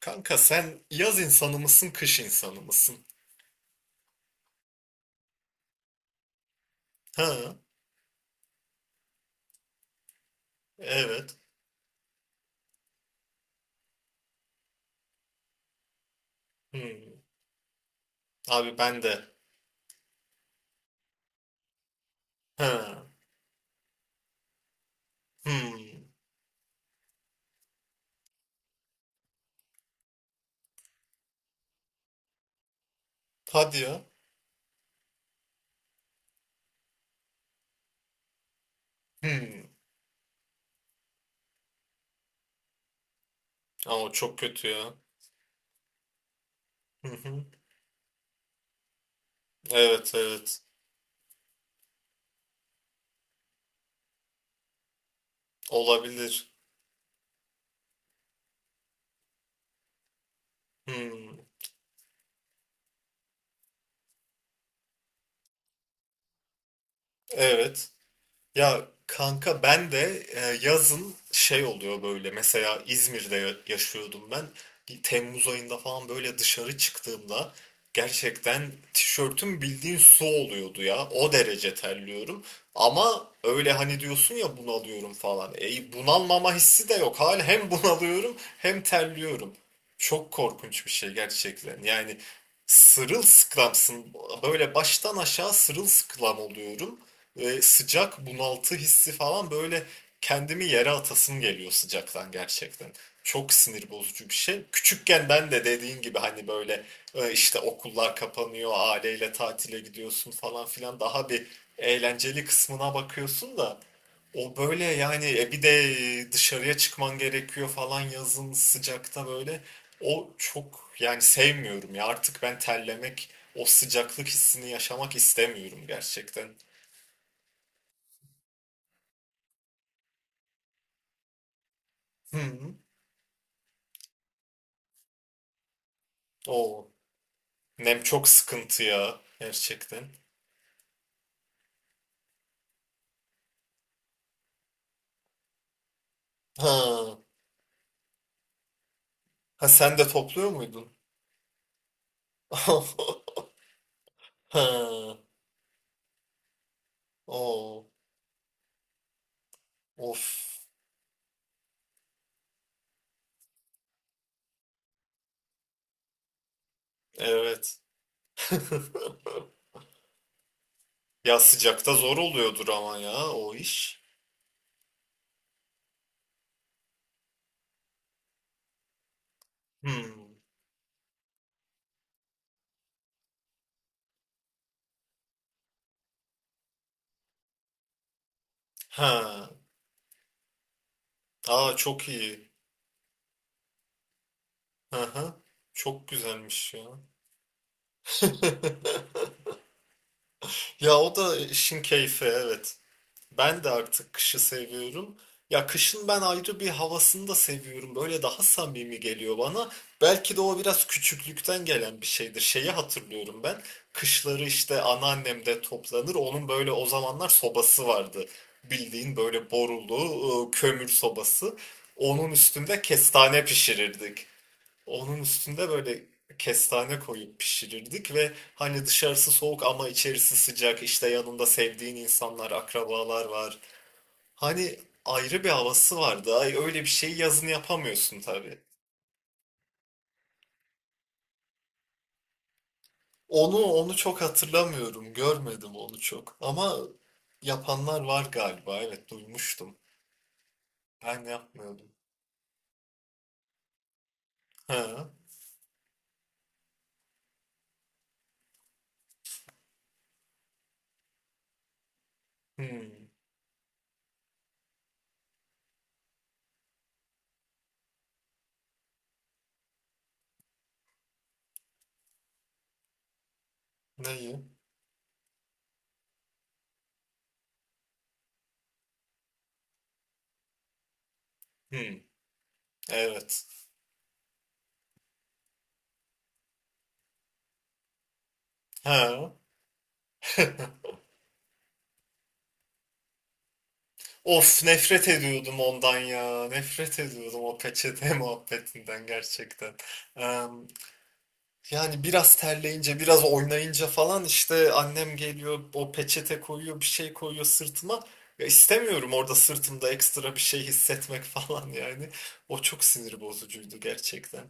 Kanka sen yaz insanı mısın, kış insanı mısın? Ha, evet. Hmm. Abi ben de. Ha. Hmm. Hadi ya. Hmm. Ama çok kötü ya. Hı hı. Evet, evet. Olabilir. Hmm. Evet. Ya kanka ben de yazın şey oluyor böyle mesela İzmir'de yaşıyordum ben. Bir Temmuz ayında falan böyle dışarı çıktığımda gerçekten tişörtüm bildiğin su oluyordu ya, o derece terliyorum ama öyle hani diyorsun ya bunalıyorum falan, bunalmama hissi de yok hala, hem bunalıyorum hem terliyorum, çok korkunç bir şey gerçekten yani. Sırılsıklamsın, böyle baştan aşağı sırılsıklam oluyorum, sıcak bunaltı hissi falan böyle, kendimi yere atasım geliyor sıcaktan gerçekten. Çok sinir bozucu bir şey. Küçükken ben de dediğin gibi hani böyle işte okullar kapanıyor, aileyle tatile gidiyorsun falan filan, daha bir eğlenceli kısmına bakıyorsun da o böyle yani bir de dışarıya çıkman gerekiyor falan yazın sıcakta böyle. O çok yani sevmiyorum ya artık ben terlemek, o sıcaklık hissini yaşamak istemiyorum gerçekten. Hı hı. Oo. Nem çok sıkıntı ya. Gerçekten. Ha. Ha sen de topluyor muydun? Ha. Oo. Of. Evet. Ya sıcakta zor oluyordur ama ya o iş. Hmm. Ha. Aa çok iyi. Hı hı. Çok güzelmiş ya. Ya o da işin keyfi, evet. Ben de artık kışı seviyorum. Ya kışın ben ayrı bir havasını da seviyorum. Böyle daha samimi geliyor bana. Belki de o biraz küçüklükten gelen bir şeydir. Şeyi hatırlıyorum ben. Kışları işte anneannem de toplanır. Onun böyle o zamanlar sobası vardı. Bildiğin böyle borulu kömür sobası. Onun üstünde kestane pişirirdik. Onun üstünde böyle kestane koyup pişirirdik ve hani dışarısı soğuk ama içerisi sıcak. İşte yanında sevdiğin insanlar, akrabalar var. Hani ayrı bir havası vardı. Ay öyle bir şeyi yazın yapamıyorsun tabii. Onu çok hatırlamıyorum. Görmedim onu çok. Ama yapanlar var galiba. Evet, duymuştum. Ben yapmıyordum. Ha. Hmm. Neyi? Hmm. Evet. Ha. Of, nefret ediyordum ondan ya. Nefret ediyordum o peçete muhabbetinden gerçekten. Eee, yani biraz terleyince, biraz oynayınca falan işte annem geliyor, o peçete koyuyor, bir şey koyuyor sırtıma. Ya istemiyorum orada sırtımda ekstra bir şey hissetmek falan yani. O çok sinir bozucuydu gerçekten.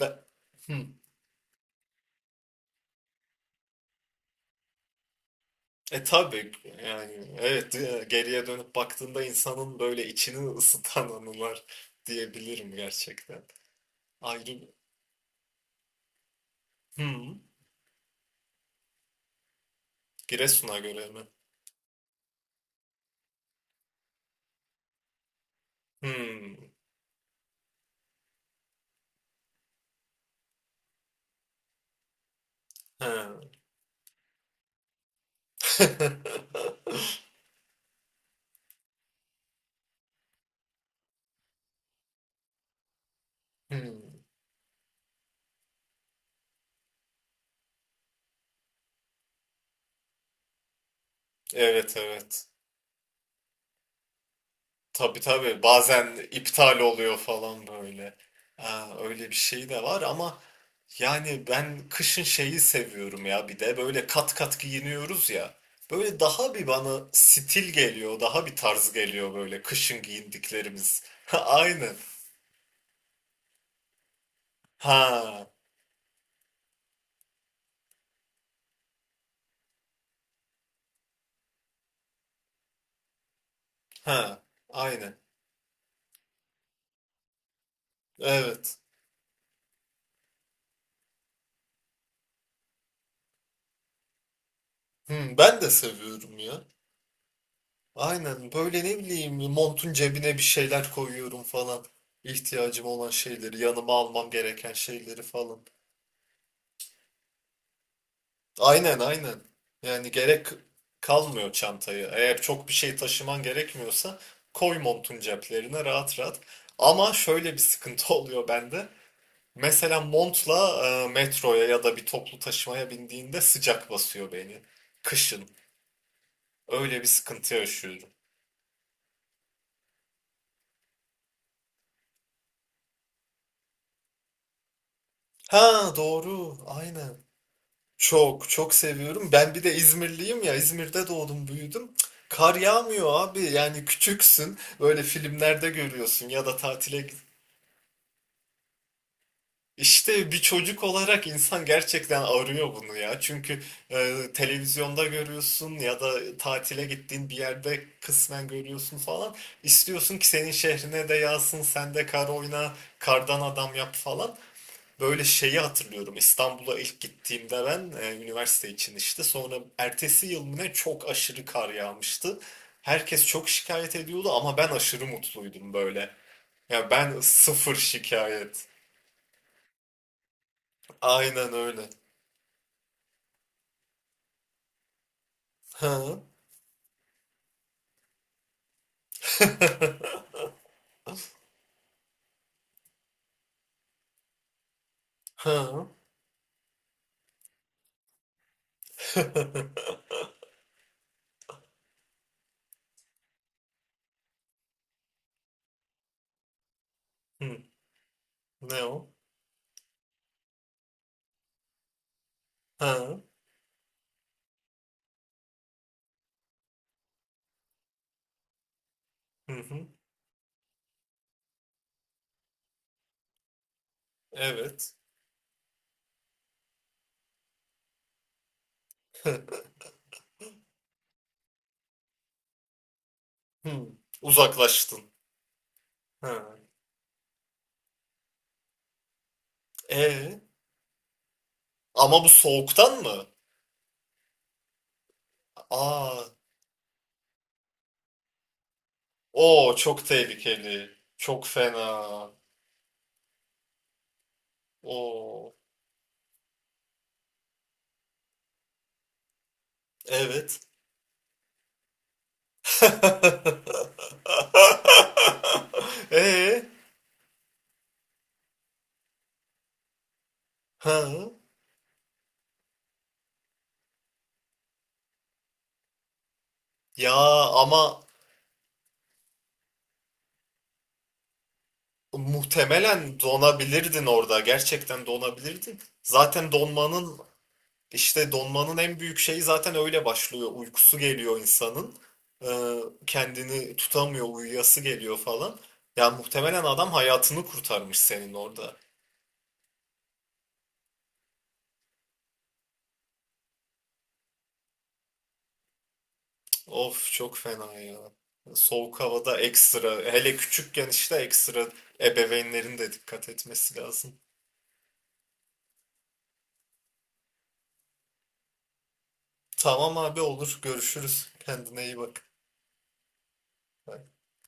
Ben... Hmm. E tabii yani evet, geriye dönüp baktığında insanın böyle içini ısıtan anılar diyebilirim gerçekten. Ayrı. Hmm. Giresun'a göre mi? Hmm. Ha. Hmm. Evet, evet. Tabii, tabii. Bazen iptal oluyor falan böyle. Ha, öyle bir şey de var ama yani ben kışın şeyi seviyorum ya, bir de böyle kat kat giyiniyoruz ya. Böyle daha bir bana stil geliyor, daha bir tarz geliyor böyle kışın giyindiklerimiz. Aynen. Ha, ha, aynen. Evet. Hmm, ben de seviyorum ya. Aynen böyle ne bileyim montun cebine bir şeyler koyuyorum falan. İhtiyacım olan şeyleri, yanıma almam gereken şeyleri falan. Aynen, aynen. Yani gerek kalmıyor çantayı. Eğer çok bir şey taşıman gerekmiyorsa koy montun ceplerine rahat rahat. Ama şöyle bir sıkıntı oluyor bende. Mesela montla metroya ya da bir toplu taşımaya bindiğinde sıcak basıyor beni. Kışın. Öyle bir sıkıntı yaşıyorum. Ha, doğru. Aynen. Çok çok seviyorum. Ben bir de İzmirliyim ya. İzmir'de doğdum, büyüdüm. Kar yağmıyor abi. Yani küçüksün. Böyle filmlerde görüyorsun ya da tatile git. İşte bir çocuk olarak insan gerçekten arıyor bunu ya. Çünkü televizyonda görüyorsun ya da tatile gittiğin bir yerde kısmen görüyorsun falan. İstiyorsun ki senin şehrine de yağsın, sen de kar oyna, kardan adam yap falan. Böyle şeyi hatırlıyorum. İstanbul'a ilk gittiğimde ben üniversite için, işte sonra ertesi yıl mı ne, çok aşırı kar yağmıştı. Herkes çok şikayet ediyordu ama ben aşırı mutluydum böyle. Ya ben sıfır şikayet. Aynen öyle. Ha. Ha. Hı. Ne o? Ha. Hı hı. Evet. Hı. Uzaklaştın. Ha. E ama bu soğuktan mı? Aa. Oo, çok tehlikeli. Çok fena. Oo. Evet. Ee? Ha? Ya ama muhtemelen donabilirdin orada. Gerçekten donabilirdin. Zaten donmanın işte donmanın en büyük şeyi zaten öyle başlıyor. Uykusu geliyor insanın. Ee, kendini tutamıyor, uyuyası geliyor falan. Ya muhtemelen adam hayatını kurtarmış senin orada. Of, çok fena ya. Soğuk havada ekstra. Hele küçükken işte ekstra ebeveynlerin de dikkat etmesi lazım. Tamam abi, olur. Görüşürüz. Kendine iyi bak. Bye.